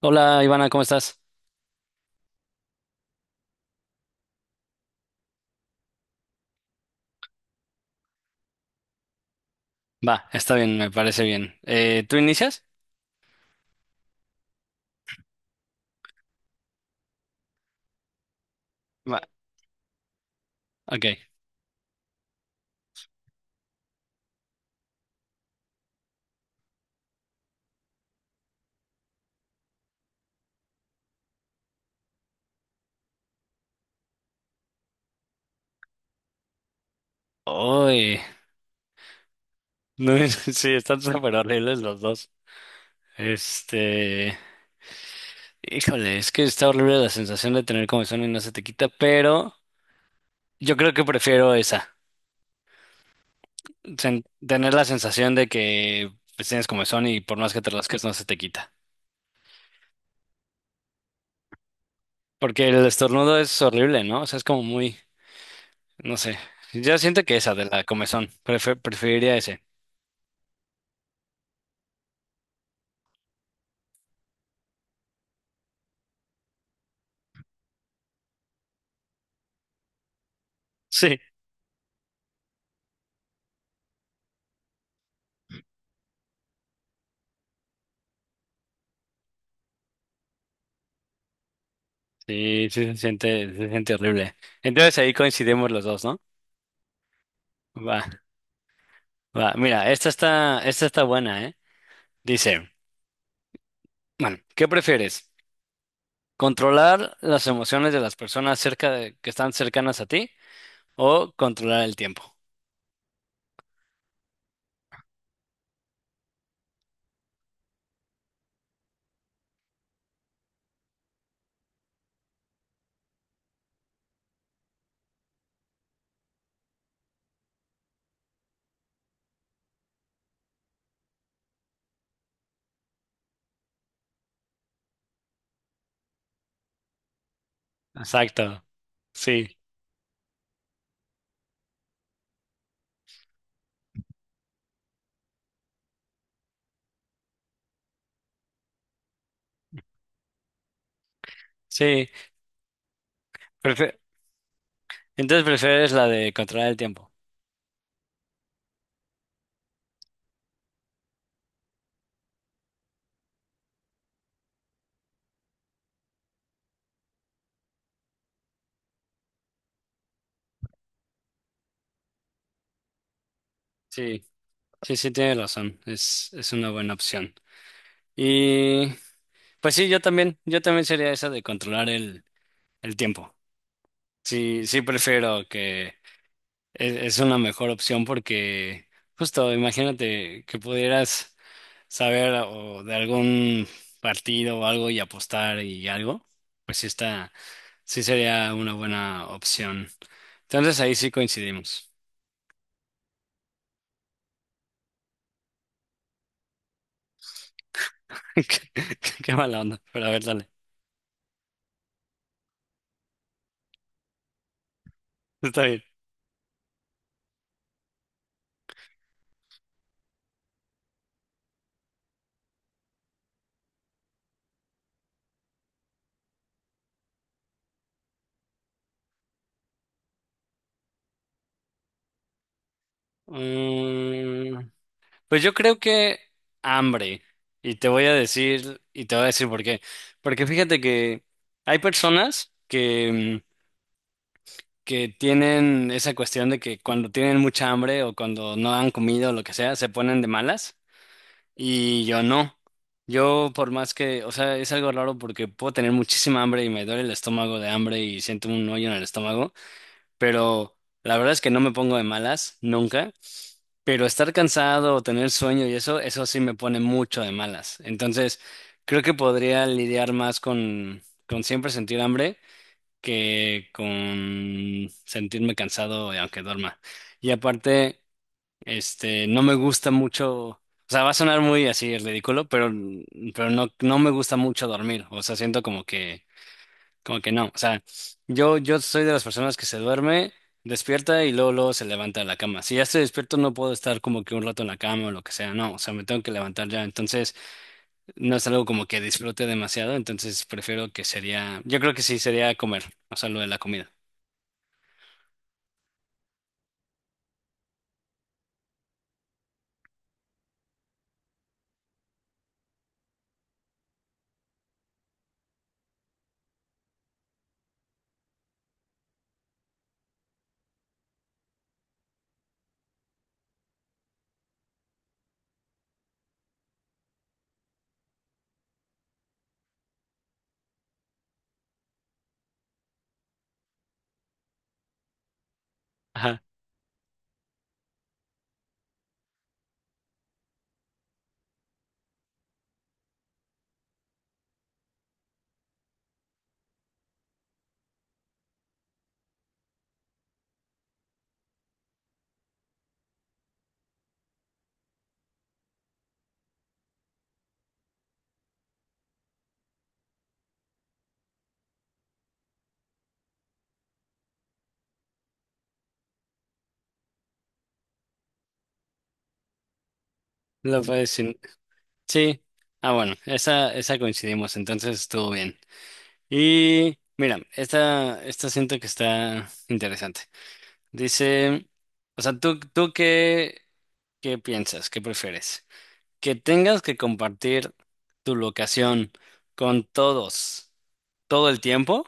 Hola Ivana, ¿cómo estás? Va, está bien, me parece bien. ¿Tú inicias? Va, ok. Uy, no, sí, están súper horribles los dos. Este, híjole, es que está horrible la sensación de tener comezón y no se te quita, pero yo creo que prefiero esa, tener la sensación de que pues, tienes comezón y por más que te rasques no se te quita. Porque el estornudo es horrible, ¿no? O sea, es como muy, no sé. Yo siento que esa de la comezón, preferiría ese. Sí, sí, sí se siente horrible. Entonces ahí coincidimos los dos, ¿no? Va, va. Mira, esta está buena, ¿eh? Dice, bueno, ¿qué prefieres? ¿Controlar las emociones de las personas que están cercanas a ti o controlar el tiempo? Exacto. Sí, sí. Prefe- Entonces prefieres la de controlar el tiempo. Sí, sí, sí, tienes razón. Es una buena opción. Y pues sí, yo también sería esa de controlar el tiempo. Sí, sí prefiero que es una mejor opción porque justo imagínate que pudieras saber o de algún partido o algo y apostar y algo, pues sí está, sí sería una buena opción. Entonces ahí sí coincidimos. Qué, qué mala onda, pero a ver, dale. Está bien. Mm, pues yo creo que hambre. Y te voy a decir, y te voy a decir por qué. Porque fíjate que hay personas que que tienen esa cuestión de que cuando tienen mucha hambre o cuando no han comido o lo que sea, se ponen de malas y yo no. Yo por más que, o sea, es algo raro porque puedo tener muchísima hambre y me duele el estómago de hambre y siento un hoyo en el estómago, pero la verdad es que no me pongo de malas nunca. Pero estar cansado o tener sueño y eso sí me pone mucho de malas. Entonces, creo que podría lidiar más con siempre sentir hambre que con sentirme cansado y aunque duerma. Y aparte, no me gusta mucho, o sea, va a sonar muy así ridículo, pero no, no me gusta mucho dormir. O sea, siento como que no. O sea, yo soy de las personas que se duerme, despierta y luego, luego se levanta de la cama. Si ya estoy despierto, no puedo estar como que un rato en la cama o lo que sea. No, o sea, me tengo que levantar ya. Entonces, no es algo como que disfrute demasiado. Entonces, prefiero que sería, yo creo que sí sería comer, o sea, lo de la comida. Ajá, lo puedes sí. Ah, bueno, esa coincidimos, entonces estuvo bien. Y mira, esta siento que está interesante. Dice, o sea, ¿tú, tú qué, qué piensas? ¿Qué prefieres? ¿Que tengas que compartir tu locación con todos todo el tiempo?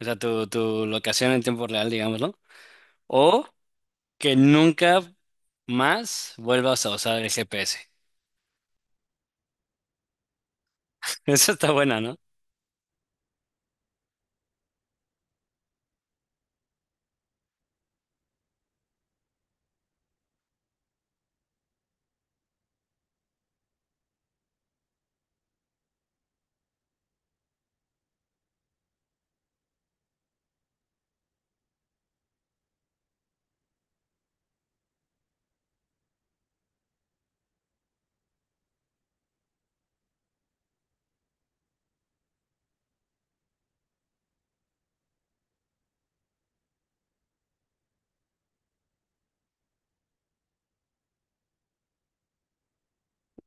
O sea, tu locación en tiempo real, digámoslo. O que nunca más vuelvas a usar el GPS. Eso está buena, ¿no?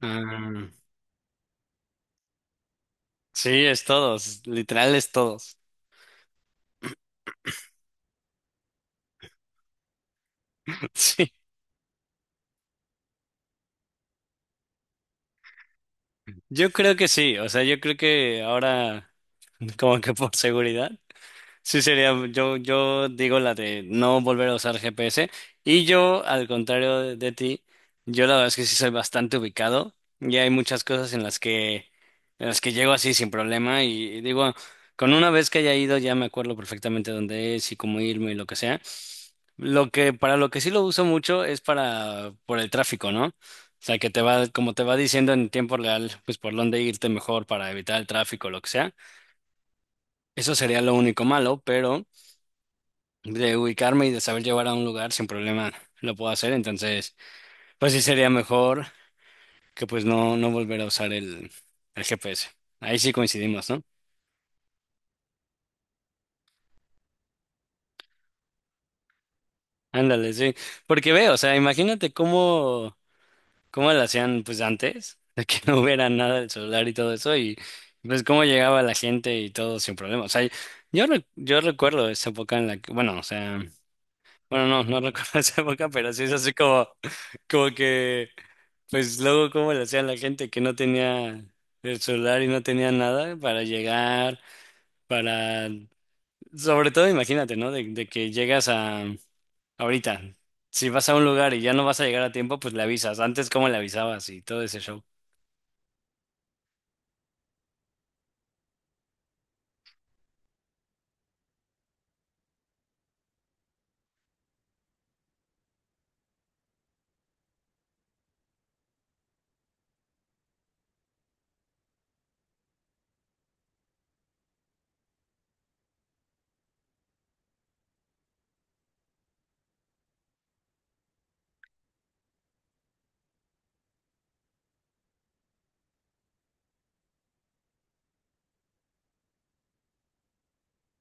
Ah. Sí, es todos, literal es todos. Sí, yo creo que sí, o sea, yo creo que ahora, como que por seguridad. Sí, sería, yo digo la de no volver a usar GPS. Y yo, al contrario de ti, yo la verdad es que sí soy bastante ubicado. Y hay muchas cosas en las que llego así sin problema. Y digo, con una vez que haya ido, ya me acuerdo perfectamente dónde es y cómo irme y lo que sea. Lo que, para lo que sí lo uso mucho es para, por el tráfico, ¿no? O sea, que te va, como te va diciendo en tiempo real, pues por dónde irte mejor para evitar el tráfico, lo que sea. Eso sería lo único malo, pero de ubicarme y de saber llevar a un lugar sin problema lo puedo hacer. Entonces, pues sí sería mejor que pues no, no volver a usar el GPS. Ahí sí coincidimos, ¿no? Ándale, sí. Porque veo, o sea, imagínate cómo, cómo lo hacían pues antes, de que no hubiera nada del celular y todo eso, y pues cómo llegaba la gente y todo sin problema. O sea, yo, yo recuerdo esa época en la que, bueno, o sea... Bueno, no, no recuerdo esa época, pero sí es así como, como que, pues luego como le hacían la gente que no tenía el celular y no tenía nada para llegar, para, sobre todo imagínate, ¿no? De que llegas a, ahorita, si vas a un lugar y ya no vas a llegar a tiempo, pues le avisas. Antes, ¿cómo le avisabas y todo ese show?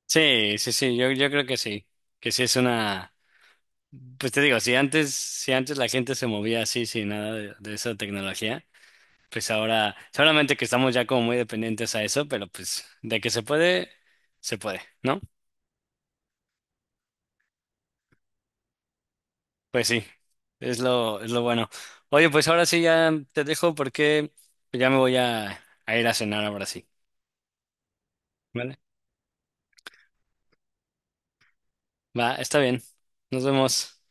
Sí, sí, sí, yo creo que sí es una, pues te digo, si antes, si antes la gente se movía así sin nada de de esa tecnología. Pues ahora, solamente que estamos ya como muy dependientes a eso, pero pues de que se puede, ¿no? Pues sí, es lo bueno. Oye, pues ahora sí ya te dejo porque ya me voy a ir a cenar ahora sí. ¿Vale? Va, está bien. Nos vemos.